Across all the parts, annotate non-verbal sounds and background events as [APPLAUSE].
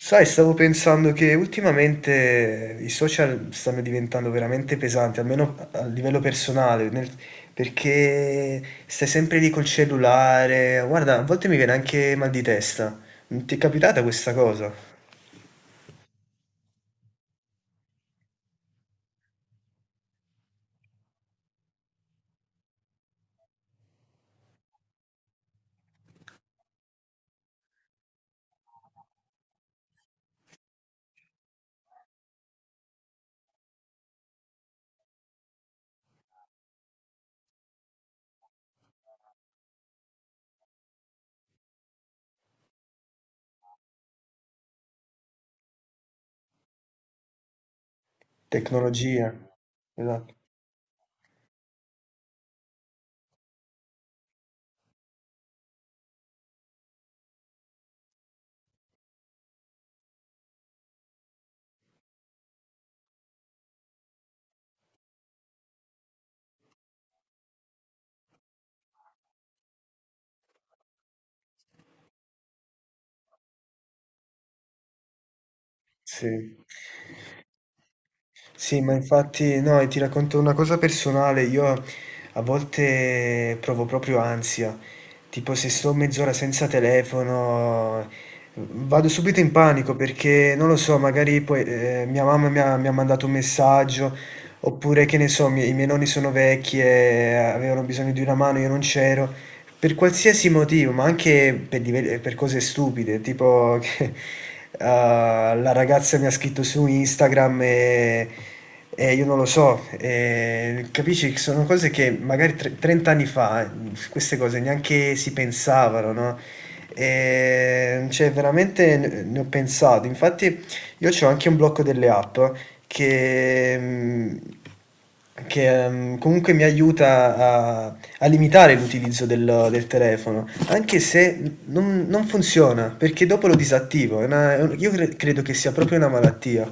Sai, stavo pensando che ultimamente i social stanno diventando veramente pesanti, almeno a livello personale, perché stai sempre lì col cellulare. Guarda, a volte mi viene anche mal di testa. Non ti è capitata questa cosa? Tecnologia. Esatto. Sì. Sì, ma infatti, no, e ti racconto una cosa personale. Io a volte provo proprio ansia. Tipo se sto mezz'ora senza telefono, vado subito in panico perché non lo so, magari poi mia mamma mi ha mandato un messaggio, oppure che ne so, i miei nonni sono vecchi e avevano bisogno di una mano, io non c'ero. Per qualsiasi motivo, ma anche per, per cose stupide, tipo [LAUGHS] che la ragazza mi ha scritto su Instagram e io non lo so, capisci che sono cose che magari 30 anni fa, queste cose neanche si pensavano, no? E, cioè, veramente ne ho pensato. Infatti, io ho anche un blocco delle app che, mm, che comunque mi aiuta a limitare l'utilizzo del telefono, anche se non funziona, perché dopo lo disattivo. È una- è un- io cre- credo che sia proprio una malattia.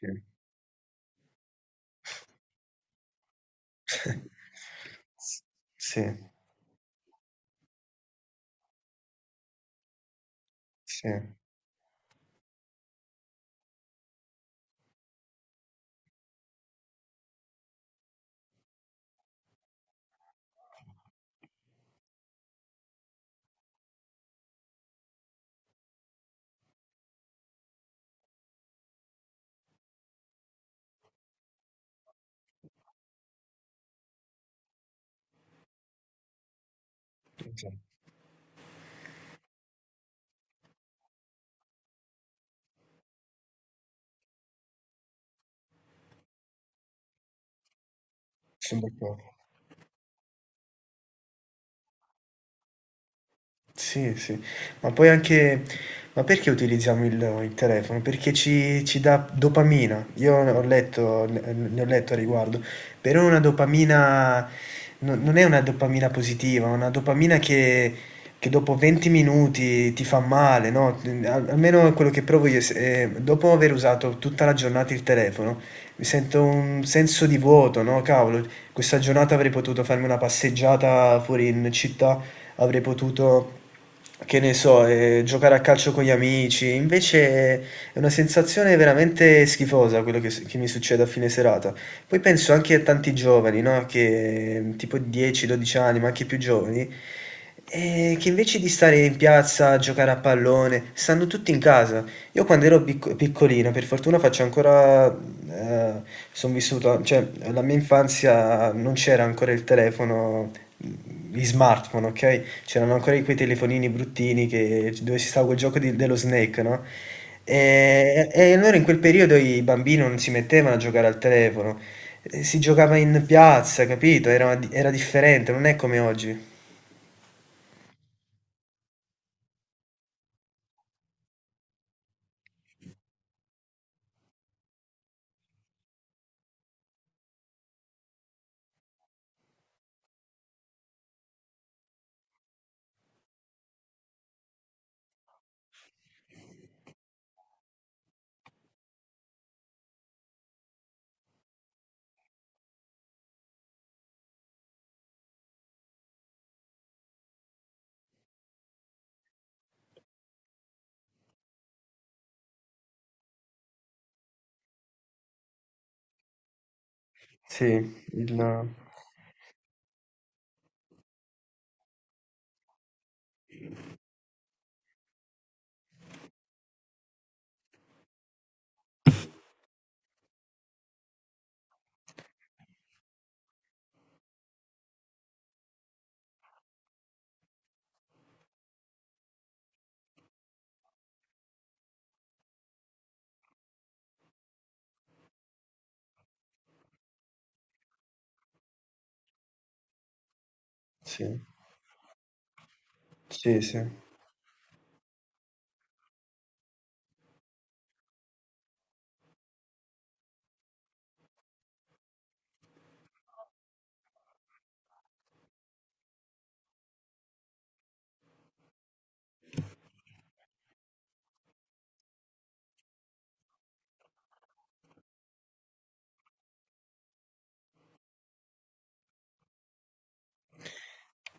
Sì. [LAUGHS] S sì, sì, okay, son d'accordo. Sì, sì. Ma poi anche, ma perché utilizziamo il telefono? Perché ci dà dopamina. Io ho letto ne ne ho letto a riguardo, però è una dopamina, no, non è una dopamina positiva, è una dopamina che dopo 20 minuti ti fa male, no, n al almeno quello che provo io s dopo aver usato tutta la giornata il telefono, mi sento un senso di vuoto, no: "Cavolo, questa giornata avrei potuto farmi una passeggiata fuori in città, avrei potuto, che ne so, giocare a calcio con gli amici. Invece è una sensazione veramente schifosa quello che mi succede a fine serata. Poi penso anche a tanti giovani, no? Che tipo 10-12 anni, ma anche più giovani, che invece di stare in piazza a giocare a pallone, stanno tutti in casa. Io quando ero piccolino, per fortuna faccio ancora, eh, sono vissuto, cioè la mia infanzia non c'era ancora il telefono, gli smartphone, ok? C'erano ancora quei telefonini bruttini dove si stava quel gioco dello Snake, no? E allora in quel periodo i bambini non si mettevano a giocare al telefono, si giocava in piazza, capito? Era differente, non è come oggi. Sì, il sì, sì, sì,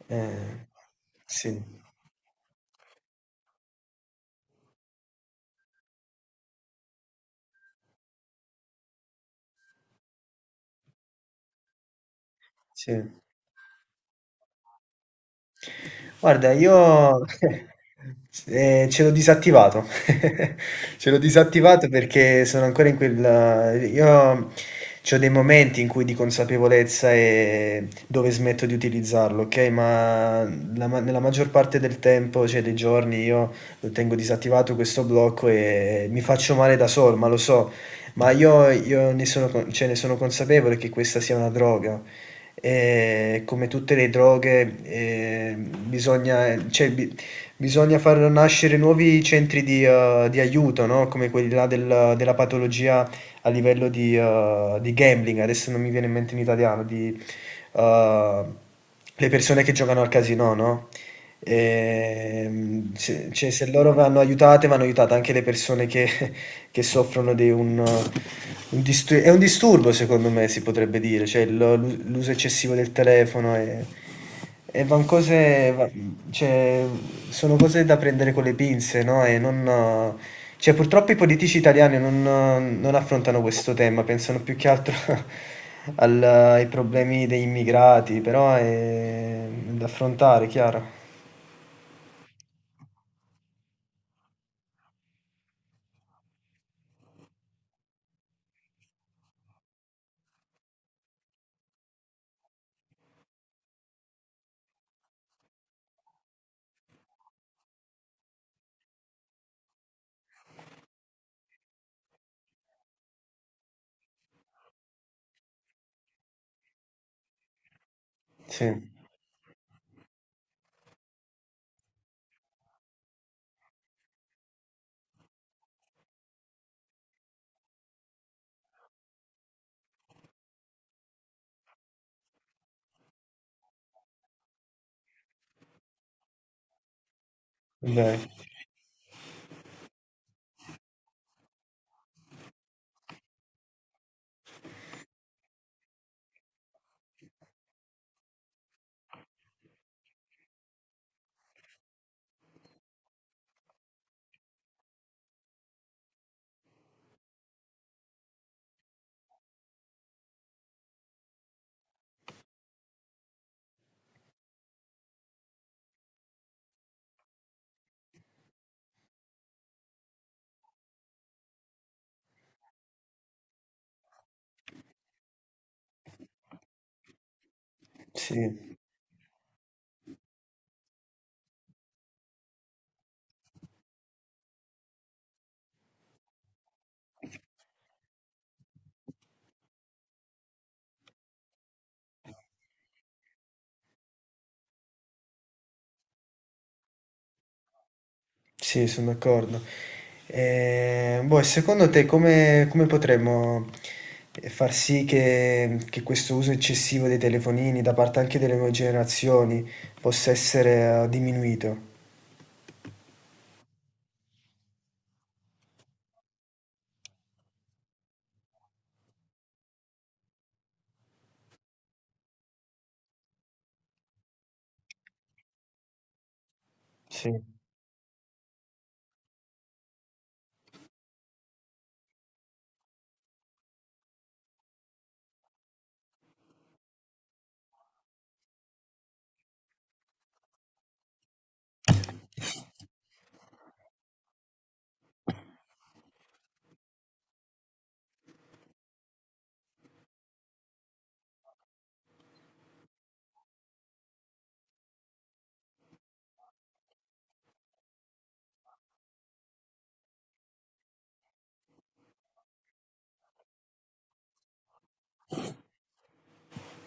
ehm, sì, sì. Guarda, io [LAUGHS] ce l'ho disattivato. [LAUGHS] Ce l'ho disattivato perché sono ancora in quel. Io c'ho dei momenti in cui di consapevolezza, dove smetto di utilizzarlo, okay, ma la ma nella maggior parte del tempo, cioè dei giorni, io lo tengo disattivato questo blocco e mi faccio male da sol ma lo so, ma io ne sono, con cioè, ne sono consapevole che questa sia una droga. Come tutte le droghe, bisogna, cioè, bi bisogna far nascere nuovi centri di di aiuto, no, come quelli là della patologia a livello di gambling, adesso non mi viene in mente in italiano, di eh, le persone che giocano al casino, no? Se, cioè, se loro vanno aiutate anche le persone che, [LAUGHS] che soffrono di un disturbo, secondo me, si potrebbe dire, cioè l'uso eccessivo del telefono è e van cose, cioè, sono cose da prendere con le pinze, no? E non, cioè, purtroppo i politici italiani non affrontano questo tema, pensano più che altro [LAUGHS] ai problemi degli immigrati, però è da affrontare, chiaro. Sì, beh, sì. Sì, son d'accordo. Boh, e secondo te come potremmo, far sì che questo uso eccessivo dei telefonini da parte anche delle nuove generazioni possa essere, diminuito? Sì.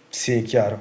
Sì, chiaro.